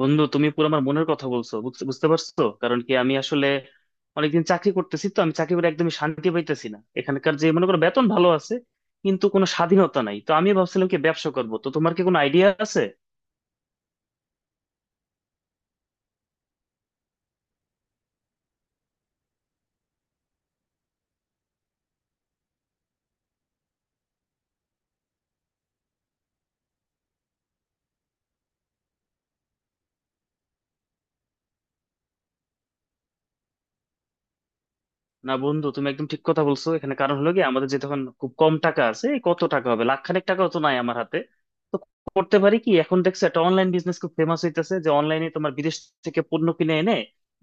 বন্ধু, তুমি পুরো আমার মনের কথা বলছো। বুঝতে বুঝতে পারছো? কারণ কি, আমি আসলে অনেকদিন চাকরি করতেছি। তো আমি চাকরি করে একদমই শান্তি পাইতেছি না। এখানকার যে, মনে করো, বেতন ভালো আছে, কিন্তু কোনো স্বাধীনতা নাই। তো আমি ভাবছিলাম কি ব্যবসা করবো। তো তোমার কি কোনো আইডিয়া আছে? না বন্ধু, তুমি একদম ঠিক কথা বলছো। এখানে কারণ হলো কি, আমাদের যে তখন খুব কম টাকা আছে, এই কত টাকা হবে, লাখখানেক টাকাও তো নাই আমার হাতে। তো করতে পারি কি, এখন দেখছো একটা অনলাইন বিজনেস খুব ফেমাস হইতেছে, যে অনলাইনে তোমার বিদেশ থেকে পণ্য কিনে এনে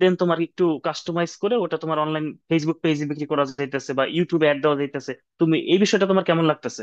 দেন তোমার একটু কাস্টমাইজ করে ওটা তোমার অনলাইন ফেসবুক পেজে বিক্রি করা যাইতেছে বা ইউটিউবে অ্যাড দেওয়া যাইতেছে। তুমি এই বিষয়টা, তোমার কেমন লাগতেছে?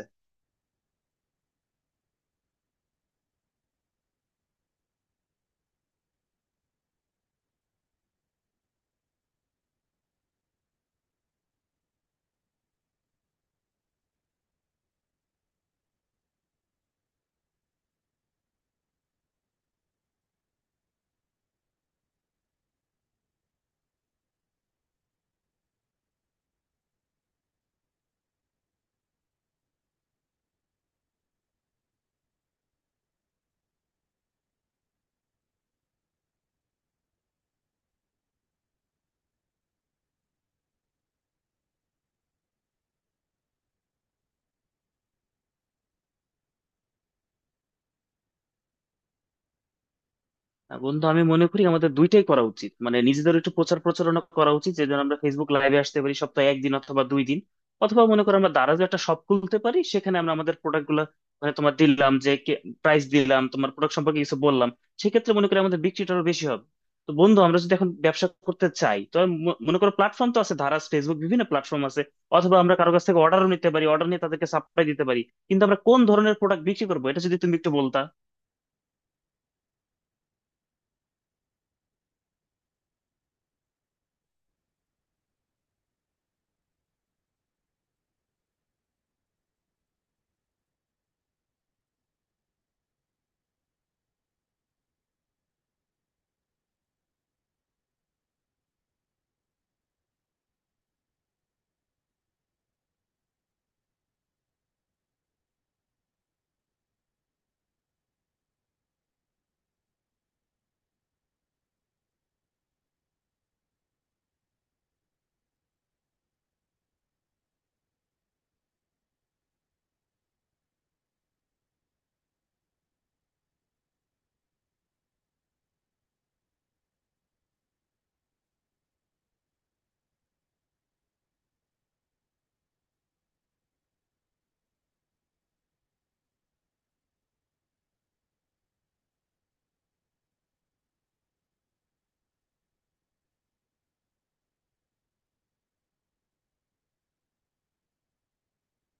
না বন্ধু, আমি মনে করি আমাদের দুইটাই করা উচিত। মানে নিজেদের একটু প্রচার প্রচারণা করা উচিত। যেজন আমরা ফেসবুক লাইভে আসতে পারি সপ্তাহে একদিন অথবা দুই দিন। অথবা মনে করো আমরা দারাজও একটা শপ খুলতে পারি। সেখানে আমরা আমাদের প্রোডাক্ট গুলো, মানে তোমার দিলাম যে প্রাইস, দিলাম তোমার প্রোডাক্ট সম্পর্কে কিছু বললাম, সেক্ষেত্রে মনে করি আমাদের বিক্রিটা আরো বেশি হবে। তো বন্ধু, আমরা যদি এখন ব্যবসা করতে চাই, তো আমি মনে করো প্ল্যাটফর্ম তো আছে, ধারাস, ফেসবুক, বিভিন্ন প্ল্যাটফর্ম আছে। অথবা আমরা কারো কাছ থেকে অর্ডারও নিতে পারি, অর্ডার নিয়ে তাদেরকে সাপ্লাই দিতে পারি। কিন্তু আমরা কোন ধরনের প্রোডাক্ট বিক্রি করবো, এটা যদি তুমি একটু বলতা।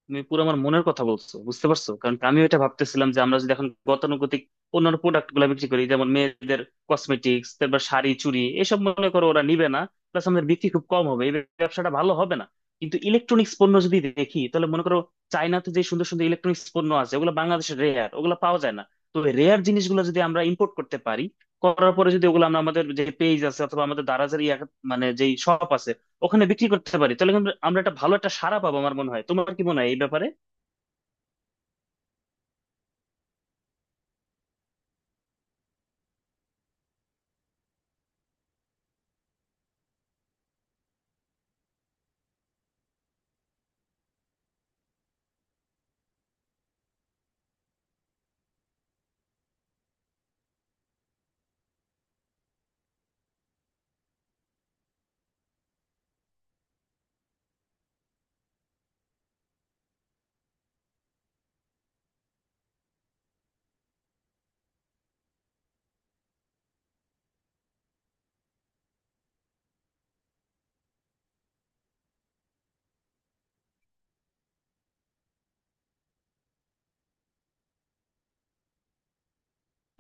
তুমি পুরো আমার মনের কথা বলছো, বুঝতে পারছো? কারণ আমিও এটা ভাবতেছিলাম যে, আমরা যদি এখন গতানুগতিক অন্যান্য প্রোডাক্ট গুলা বিক্রি করি, যেমন মেয়েদের কসমেটিক্স, তারপর শাড়ি চুড়ি এসব, মনে করো ওরা নিবে না। প্লাস আমাদের বিক্রি খুব কম হবে, এই ব্যবসাটা ভালো হবে না। কিন্তু ইলেকট্রনিক্স পণ্য যদি দেখি, তাহলে মনে করো চায়নাতে যে সুন্দর সুন্দর ইলেকট্রনিক্স পণ্য আছে, ওগুলো বাংলাদেশের রেয়ার, ওগুলো পাওয়া যায় না। তো রেয়ার জিনিসগুলো যদি আমরা ইম্পোর্ট করতে পারি, করার পরে যদি ওগুলো আমরা আমাদের যে পেজ আছে অথবা আমাদের দারাজের ইয়া, মানে যেই শপ আছে ওখানে বিক্রি করতে পারি, তাহলে কিন্তু আমরা একটা ভালো একটা সাড়া পাবো আমার মনে হয়। তোমার কি মনে হয় এই ব্যাপারে?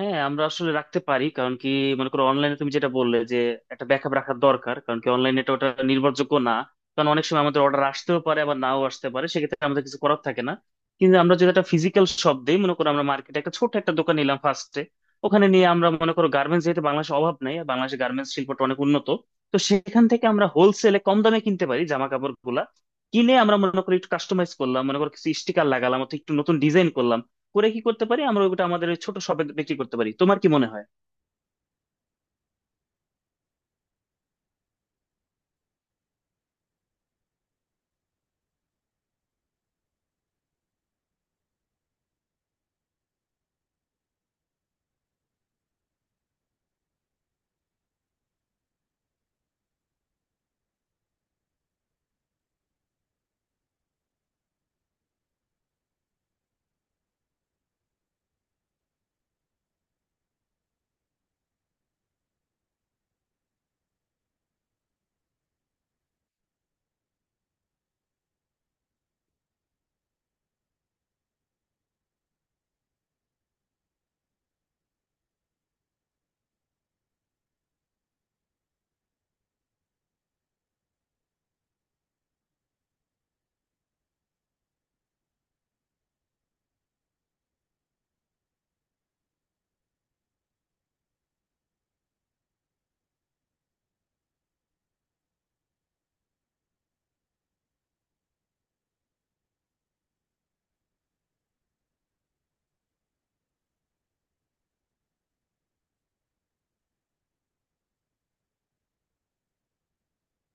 হ্যাঁ, আমরা আসলে রাখতে পারি। কারণ কি, মনে করো অনলাইনে তুমি যেটা বললে, যে একটা ব্যাকআপ রাখার দরকার, কারণ কি অনলাইনে এটা ওটা নির্ভরযোগ্য না। কারণ অনেক সময় আমাদের অর্ডার আসতেও পারে আবার নাও আসতে পারে, সেক্ষেত্রে আমাদের কিছু করার থাকে না। কিন্তু আমরা যদি একটা ফিজিক্যাল শপ দিই, মনে করো আমরা মার্কেটে একটা ছোট একটা দোকান নিলাম ফার্স্টে, ওখানে নিয়ে আমরা মনে করো গার্মেন্টস, যেহেতু বাংলাদেশে অভাব নাই, আর বাংলাদেশের গার্মেন্টস শিল্পটা অনেক উন্নত, তো সেখান থেকে আমরা হোলসেলে কম দামে কিনতে পারি জামা কাপড় গুলা। কিনে আমরা মনে করি একটু কাস্টমাইজ করলাম, মনে করো কিছু স্টিকার লাগালাম অথবা একটু নতুন ডিজাইন করলাম, করে কি করতে পারি আমরা ওটা আমাদের ওই ছোট শপে বিক্রি করতে পারি। তোমার কি মনে হয়?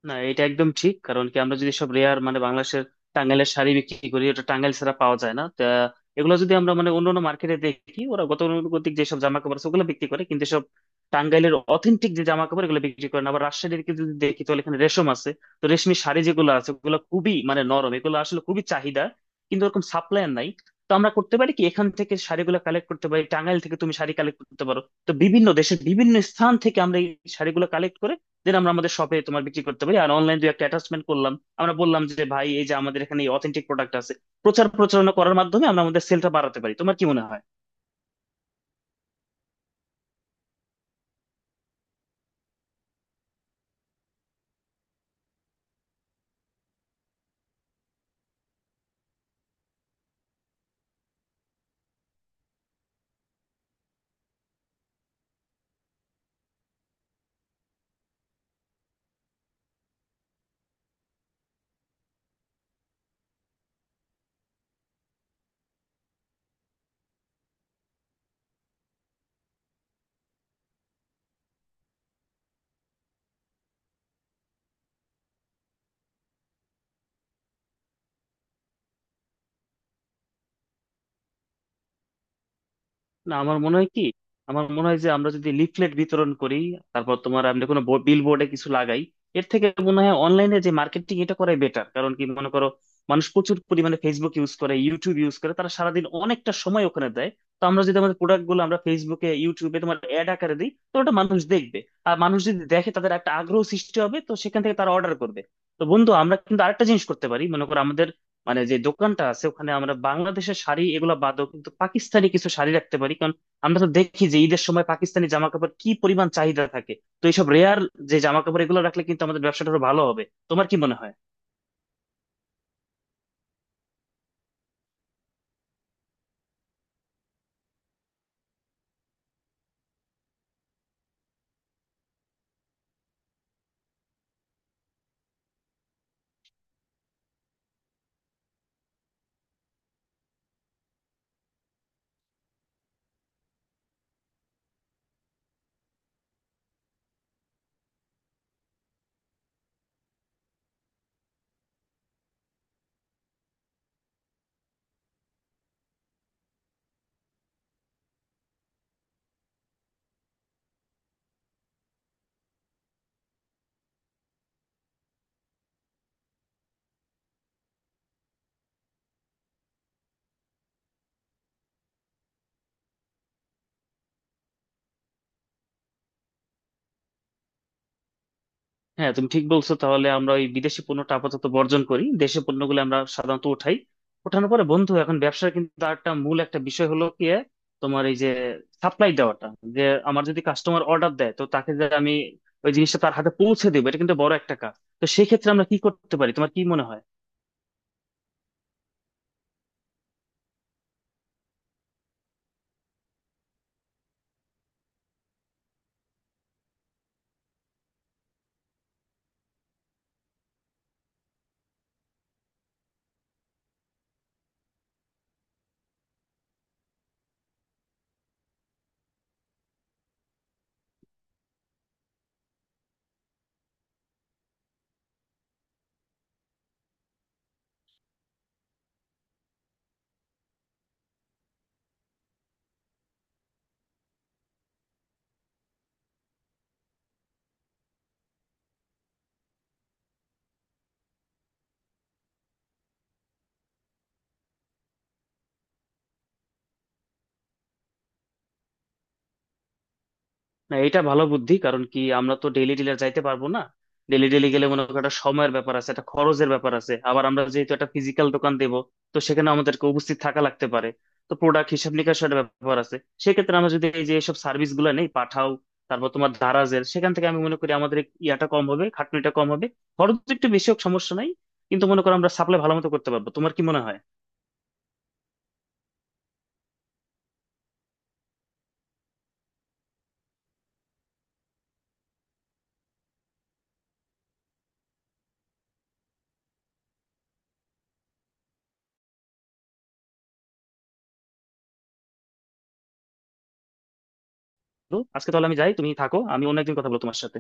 না, এটা একদম ঠিক। কারণ কি, আমরা যদি সব রেয়ার, মানে বাংলাদেশের টাঙ্গাইলের শাড়ি বিক্রি করি, ওটা টাঙ্গাইল ছাড়া পাওয়া যায় না তা। এগুলো যদি আমরা, মানে অন্যান্য মার্কেটে দেখি, ওরা গতানুগতিক যেসব জামা কাপড় আছে ওগুলো বিক্রি করে, কিন্তু সব টাঙ্গাইলের অথেন্টিক যে জামা কাপড় এগুলো বিক্রি করে না। আবার রাজশাহীর দিকে যদি দেখি, তাহলে এখানে রেশম আছে। তো রেশমি শাড়ি যেগুলো আছে ওগুলো খুবই মানে নরম, এগুলো আসলে খুবই চাহিদা, কিন্তু ওরকম সাপ্লায়ার নাই। তো আমরা করতে পারি কি, এখান থেকে শাড়িগুলো কালেক্ট করতে পারি, টাঙ্গাইল থেকে তুমি শাড়ি কালেক্ট করতে পারো। তো বিভিন্ন দেশের বিভিন্ন স্থান থেকে আমরা এই শাড়িগুলো কালেক্ট করে দেন আমরা আমাদের শপে তোমার বিক্রি করতে পারি। আর অনলাইন দুই একটা অ্যাটাচমেন্ট করলাম, আমরা বললাম যে ভাই, এই যে আমাদের এখানে অথেন্টিক প্রোডাক্ট আছে, প্রচার প্রচারণা করার মাধ্যমে আমরা আমাদের সেলটা বাড়াতে পারি। তোমার কি মনে হয়? না, আমার মনে হয় কি, আমার মনে হয় যে আমরা যদি লিফলেট বিতরণ করি, তারপর তোমার আমরা কোনো বিল বোর্ডে কিছু লাগাই, এর থেকে মনে হয় অনলাইনে যে মার্কেটিং, এটা করাই বেটার। কারণ কি, মনে করো মানুষ প্রচুর পরিমাণে ফেসবুক ইউজ করে, ইউটিউব ইউজ করে, তারা সারাদিন অনেকটা সময় ওখানে দেয়। তো আমরা যদি আমাদের প্রোডাক্ট গুলো আমরা ফেসবুকে ইউটিউবে তোমার অ্যাড আকারে দিই, তো ওটা মানুষ দেখবে। আর মানুষ যদি দেখে, তাদের একটা আগ্রহ সৃষ্টি হবে, তো সেখান থেকে তারা অর্ডার করবে। তো বন্ধু, আমরা কিন্তু আরেকটা জিনিস করতে পারি। মনে করো আমাদের মানে যে দোকানটা আছে, ওখানে আমরা বাংলাদেশের শাড়ি এগুলো বাদও কিন্তু পাকিস্তানি কিছু শাড়ি রাখতে পারি। কারণ আমরা তো দেখি যে ঈদের সময় পাকিস্তানি জামা কাপড় কি পরিমাণ চাহিদা থাকে। তো এইসব রেয়ার যে জামা কাপড় এগুলো রাখলে কিন্তু আমাদের ব্যবসাটা আরো ভালো হবে। তোমার কি মনে হয়? হ্যাঁ, তুমি ঠিক বলছো। তাহলে আমরা ওই বিদেশি পণ্যটা আপাতত বর্জন করি, দেশি পণ্যগুলো আমরা সাধারণত উঠাই। ওঠানোর পরে বন্ধু, এখন ব্যবসার কিন্তু আরেকটা মূল একটা বিষয় হলো কি, তোমার এই যে সাপ্লাই দেওয়াটা, যে আমার যদি কাস্টমার অর্ডার দেয়, তো তাকে যে আমি ওই জিনিসটা তার হাতে পৌঁছে দেবো, এটা কিন্তু বড় একটা কাজ। তো সেক্ষেত্রে আমরা কি করতে পারি, তোমার কি মনে হয়? না, এটা ভালো বুদ্ধি। কারণ কি, আমরা তো ডেইলি ডিলার যাইতে পারবো না। ডেইলি ডেইলি গেলে মনে করো একটা সময়ের ব্যাপার আছে, একটা খরচের ব্যাপার আছে। আবার আমরা যেহেতু একটা ফিজিক্যাল দোকান দেব, তো সেখানে আমাদেরকে উপস্থিত থাকা লাগতে পারে। তো প্রোডাক্ট হিসাব নিকাশের একটা ব্যাপার আছে। সেক্ষেত্রে আমরা যদি এই যে সব সার্ভিস গুলো নেই, পাঠাও, তারপর তোমার দারাজের, সেখান থেকে আমি মনে করি আমাদের ইয়াটা কম হবে, খাটনিটা কম হবে। খরচ একটু বেশি হোক, সমস্যা নাই, কিন্তু মনে করো আমরা সাপ্লাই ভালো মতো করতে পারবো। তোমার কি মনে হয়? তো আজকে তাহলে আমি যাই, তুমি থাকো, আমি অন্য একদিন কথা বলবো তোমার সাথে।